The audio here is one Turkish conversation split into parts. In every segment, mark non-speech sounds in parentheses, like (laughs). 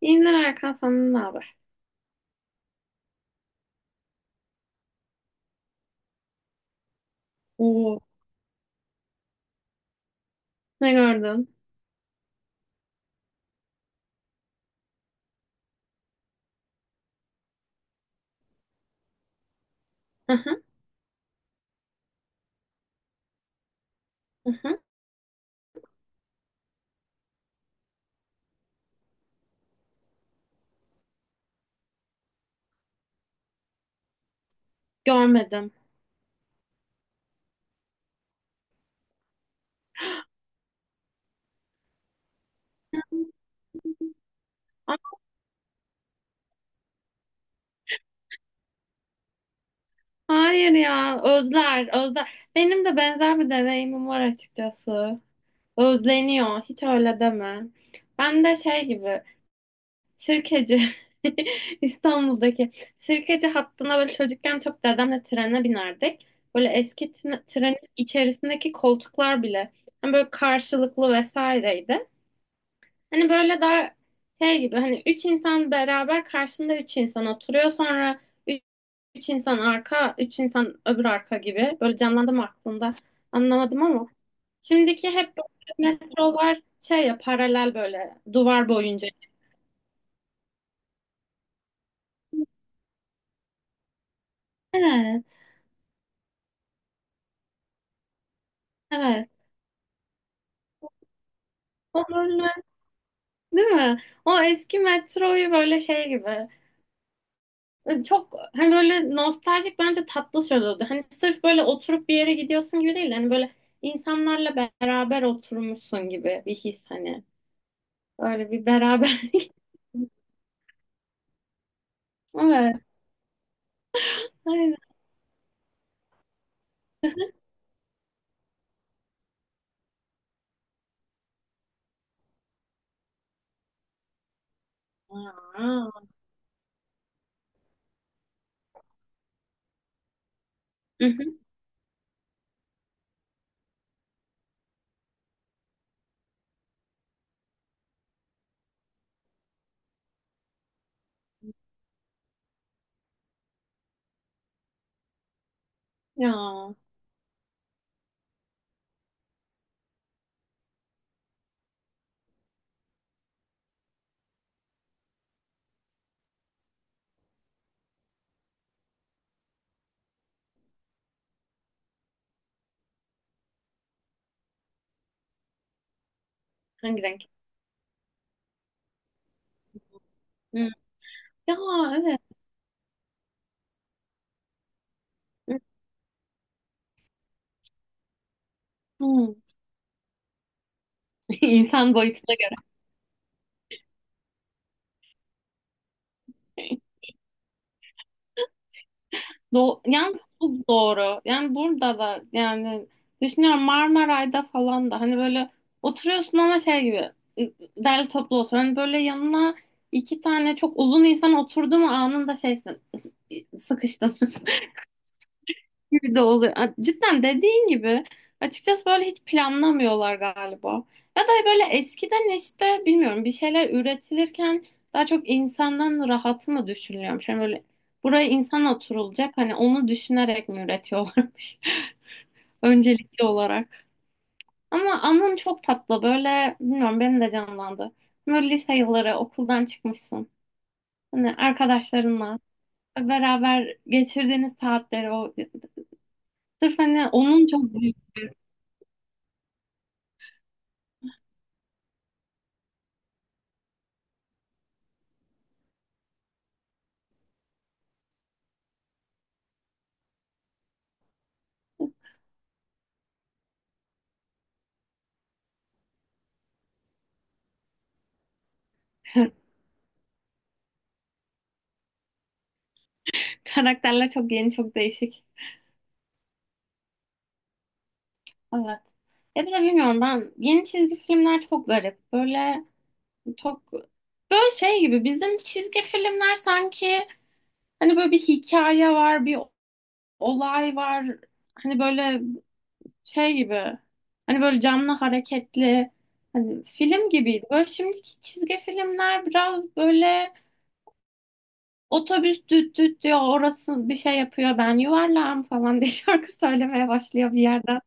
İyiler Erkan, senden ne haber? Oo. Ne gördün? Hı hı, hı hı. Görmedim. Aa, hayır ya, özler özler. Benim de benzer bir deneyimim var açıkçası. Özleniyor, hiç öyle deme. Ben de şey gibi sirkeci (laughs) İstanbul'daki sirkeci hattına böyle çocukken çok dedemle trene binerdik. Böyle eski trenin içerisindeki koltuklar bile hani böyle karşılıklı vesaireydi. Hani böyle daha şey gibi, hani üç insan beraber karşısında üç insan oturuyor, sonra üç, üç insan arka, üç insan öbür arka gibi, böyle canlandı mı aklında anlamadım ama şimdiki hep böyle metrolar şey ya, paralel böyle duvar boyunca. Evet evet, o böyle, değil mi? O eski metroyu böyle şey gibi, çok hani böyle nostaljik, bence tatlı söz oldu. Hani sırf böyle oturup bir yere gidiyorsun gibi değil. Hani böyle insanlarla beraber oturmuşsun gibi bir his, hani. Öyle bir beraberlik. (laughs) Evet. Aynen. Aa. Hı hı. Ya hangi renk? Hı. Ya evet. Hı. (laughs) İnsan boyutuna. Do, yani bu doğru. Yani burada da, yani düşünüyorum, Marmaray'da falan da hani böyle oturuyorsun ama şey gibi ı- derli toplu otur. Hani böyle yanına iki tane çok uzun insan oturdu mu anında şeysin, (laughs) sıkıştın gibi de oluyor. Cidden dediğin gibi açıkçası böyle hiç planlamıyorlar galiba. Ya da böyle eskiden işte bilmiyorum, bir şeyler üretilirken daha çok insandan rahatı mı düşünülüyormuş? Yani böyle buraya insan oturulacak, hani onu düşünerek mi üretiyorlarmış (laughs) öncelikli olarak. Ama anın çok tatlı, böyle bilmiyorum, benim de canlandı. Böyle lise yılları, okuldan çıkmışsın. Hani arkadaşlarınla beraber geçirdiğiniz saatleri, o sırf hani onun çok büyük. (laughs) Karakterler çok yeni, çok değişik. Evet. Ya bir de bilmiyorum, ben yeni çizgi filmler çok garip. Böyle çok, böyle şey gibi, bizim çizgi filmler sanki hani böyle bir hikaye var, bir olay var. Hani böyle şey gibi. Hani böyle canlı hareketli. Hani film gibiydi. Böyle şimdiki çizgi filmler biraz böyle, otobüs düt düt diyor, orası bir şey yapıyor, ben yuvarlağım falan diye (laughs) şarkı söylemeye başlıyor bir yerden.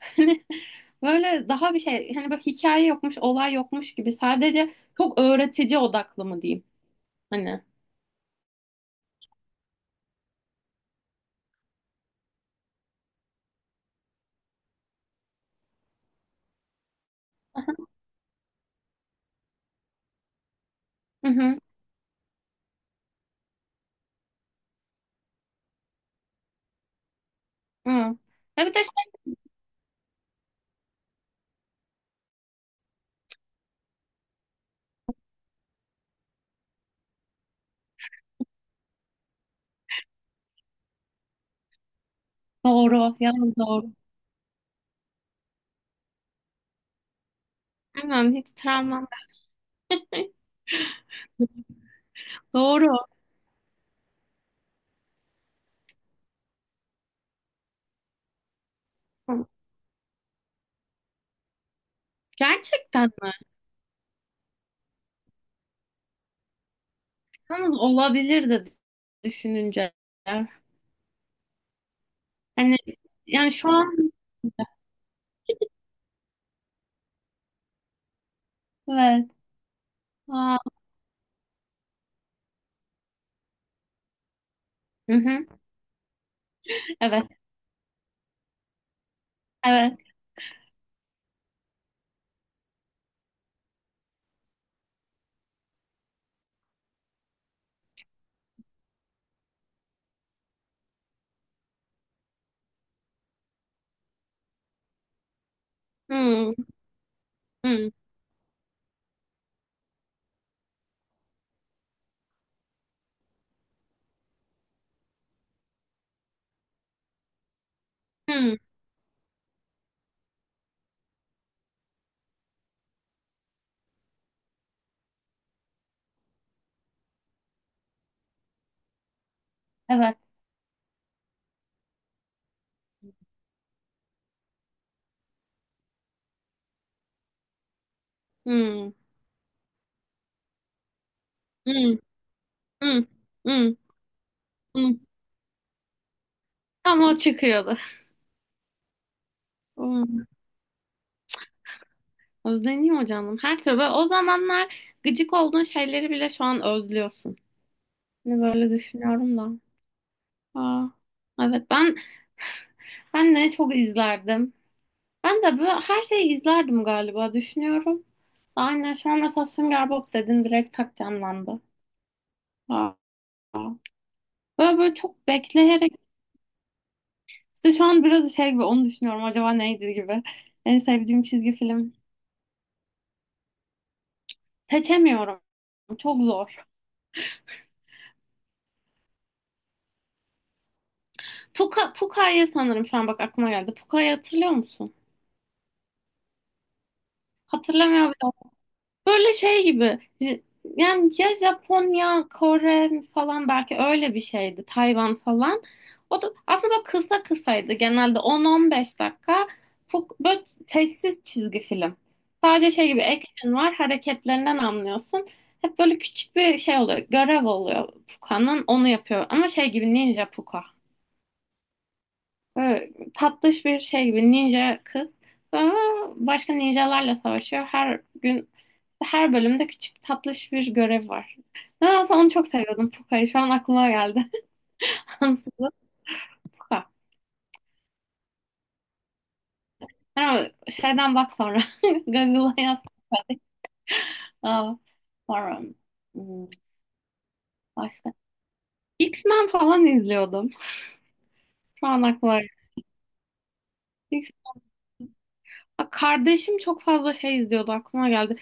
Hani böyle daha bir şey, hani bak hikaye yokmuş, olay yokmuş gibi, sadece çok öğretici odaklı mı diyeyim, hani. Hı hı. Hı. Ya bir de şey, doğru, yalnız doğru. Aynen, hiç travmam. Doğru. Hı. Gerçekten mi? Yalnız olabilir de, düşününce. Hani yani şu an evet. Aa, hı hı. Evet. Evet. Hı. Hı. Hı. Evet. Hı. Hı. Hı. Hı. Hı. Tam o çıkıyordu. Hı. Özleniyor canım. Her türlü böyle, o zamanlar gıcık olduğun şeyleri bile şu an özlüyorsun. Hani böyle düşünüyorum da. Aa, evet, ben ne çok izlerdim. Ben de böyle her şeyi izlerdim galiba, düşünüyorum. Aynen şu an mesela Sünger Bob dedin, direkt tak canlandı. Aa, böyle böyle çok bekleyerek işte, şu an biraz şey gibi onu düşünüyorum, acaba neydi gibi. En sevdiğim çizgi film. Seçemiyorum. Çok zor. Puka'yı sanırım şu an bak aklıma geldi. Puka'yı hatırlıyor musun? Hatırlamıyorum. Böyle şey gibi. Yani ya Japonya, Kore falan, belki öyle bir şeydi. Tayvan falan. O da aslında böyle kısa kısaydı. Genelde 10-15 dakika. Bu böyle sessiz çizgi film. Sadece şey gibi action var. Hareketlerinden anlıyorsun. Hep böyle küçük bir şey oluyor. Görev oluyor Puka'nın. Onu yapıyor. Ama şey gibi Ninja Puka. Böyle tatlış bir şey gibi ninja kız. Sonra başka ninjalarla savaşıyor. Her gün, her bölümde küçük tatlış bir görev var. Nedense onu çok seviyordum, Puka'yı. Şu an aklıma geldi. (laughs) Ansızlı Puka. Ama şeyden bak sonra. (laughs) Google'a yaz. Aa, sonra. hmm, Başka. X-Men falan izliyordum. Şu an aklıma geldi. X- Aa, kardeşim çok fazla şey izliyordu, aklıma geldi.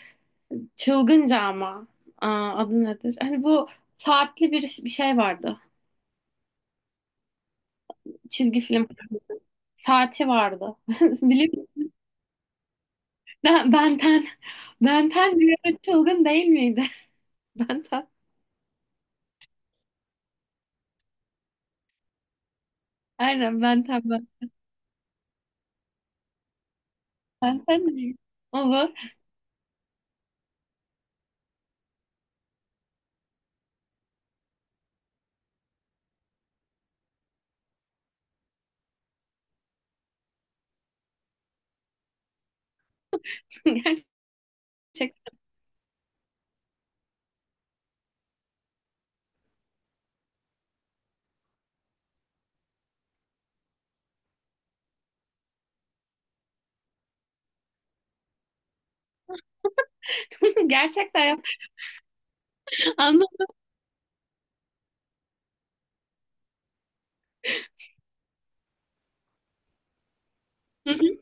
Çılgınca ama. Aa, adı nedir? Hani bu saatli bir şey vardı. Çizgi film saati vardı. (laughs) Biliyor musun? Benten. Benten bir ara çılgın değil miydi? (laughs) Benten. Aynen Benten, ben. Benten değil. Olur. (laughs) Gerçek. (laughs) Gerçekten yap. Anladım. Hı hı.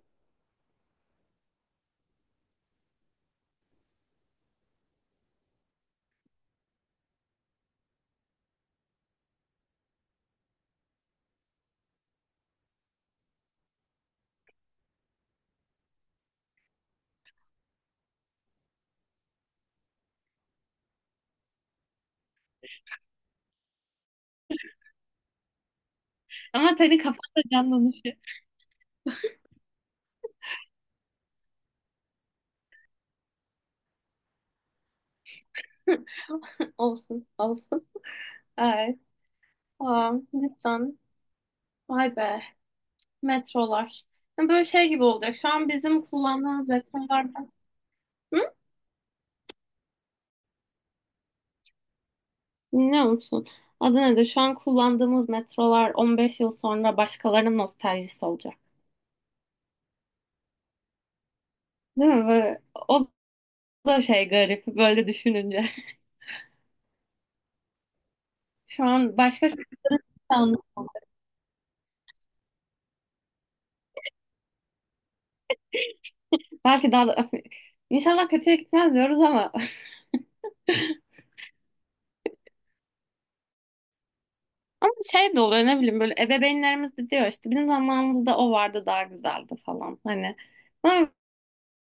Ama senin kafanda canlanışı. (laughs) Olsun. Olsun. Evet. Tamam. Lütfen. Vay be. Metrolar. Böyle şey gibi olacak, şu an bizim kullandığımız metrolardan. Hı? Biliyor musun? Adana'da şu an kullandığımız metrolar 15 yıl sonra başkalarının nostaljisi olacak. Değil mi? Böyle, o da şey, garip böyle düşününce. (laughs) Şu an başka şey de anlatamam. Belki daha da (laughs) İnşallah kötüye gitmez diyoruz ama (laughs) ama şey de oluyor, ne bileyim, böyle ebeveynlerimiz de diyor işte, bizim zamanımızda o vardı, daha güzeldi falan, hani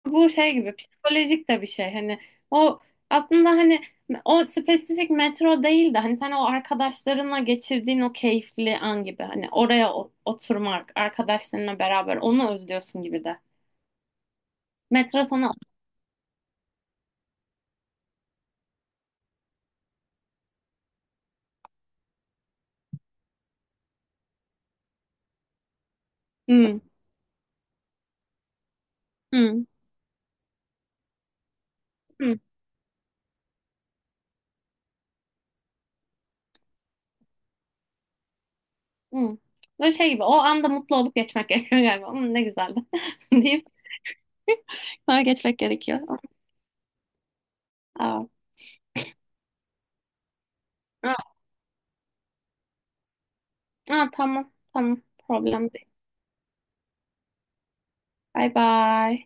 bu şey gibi psikolojik de bir şey, hani o aslında hani o spesifik metro değil de hani sen o arkadaşlarınla geçirdiğin o keyifli an gibi, hani oraya oturmak arkadaşlarınla beraber, onu özlüyorsun gibi de, metro sana. Hmm. Hmm. Hmm. Hmm. Böyle şey gibi o anda mutlu olup geçmek (laughs) gerekiyor galiba. Ne güzeldi (laughs) deyip sonra geçmek gerekiyor. Aa, aa, aa, tamam tamam, problem değil. Bye bye.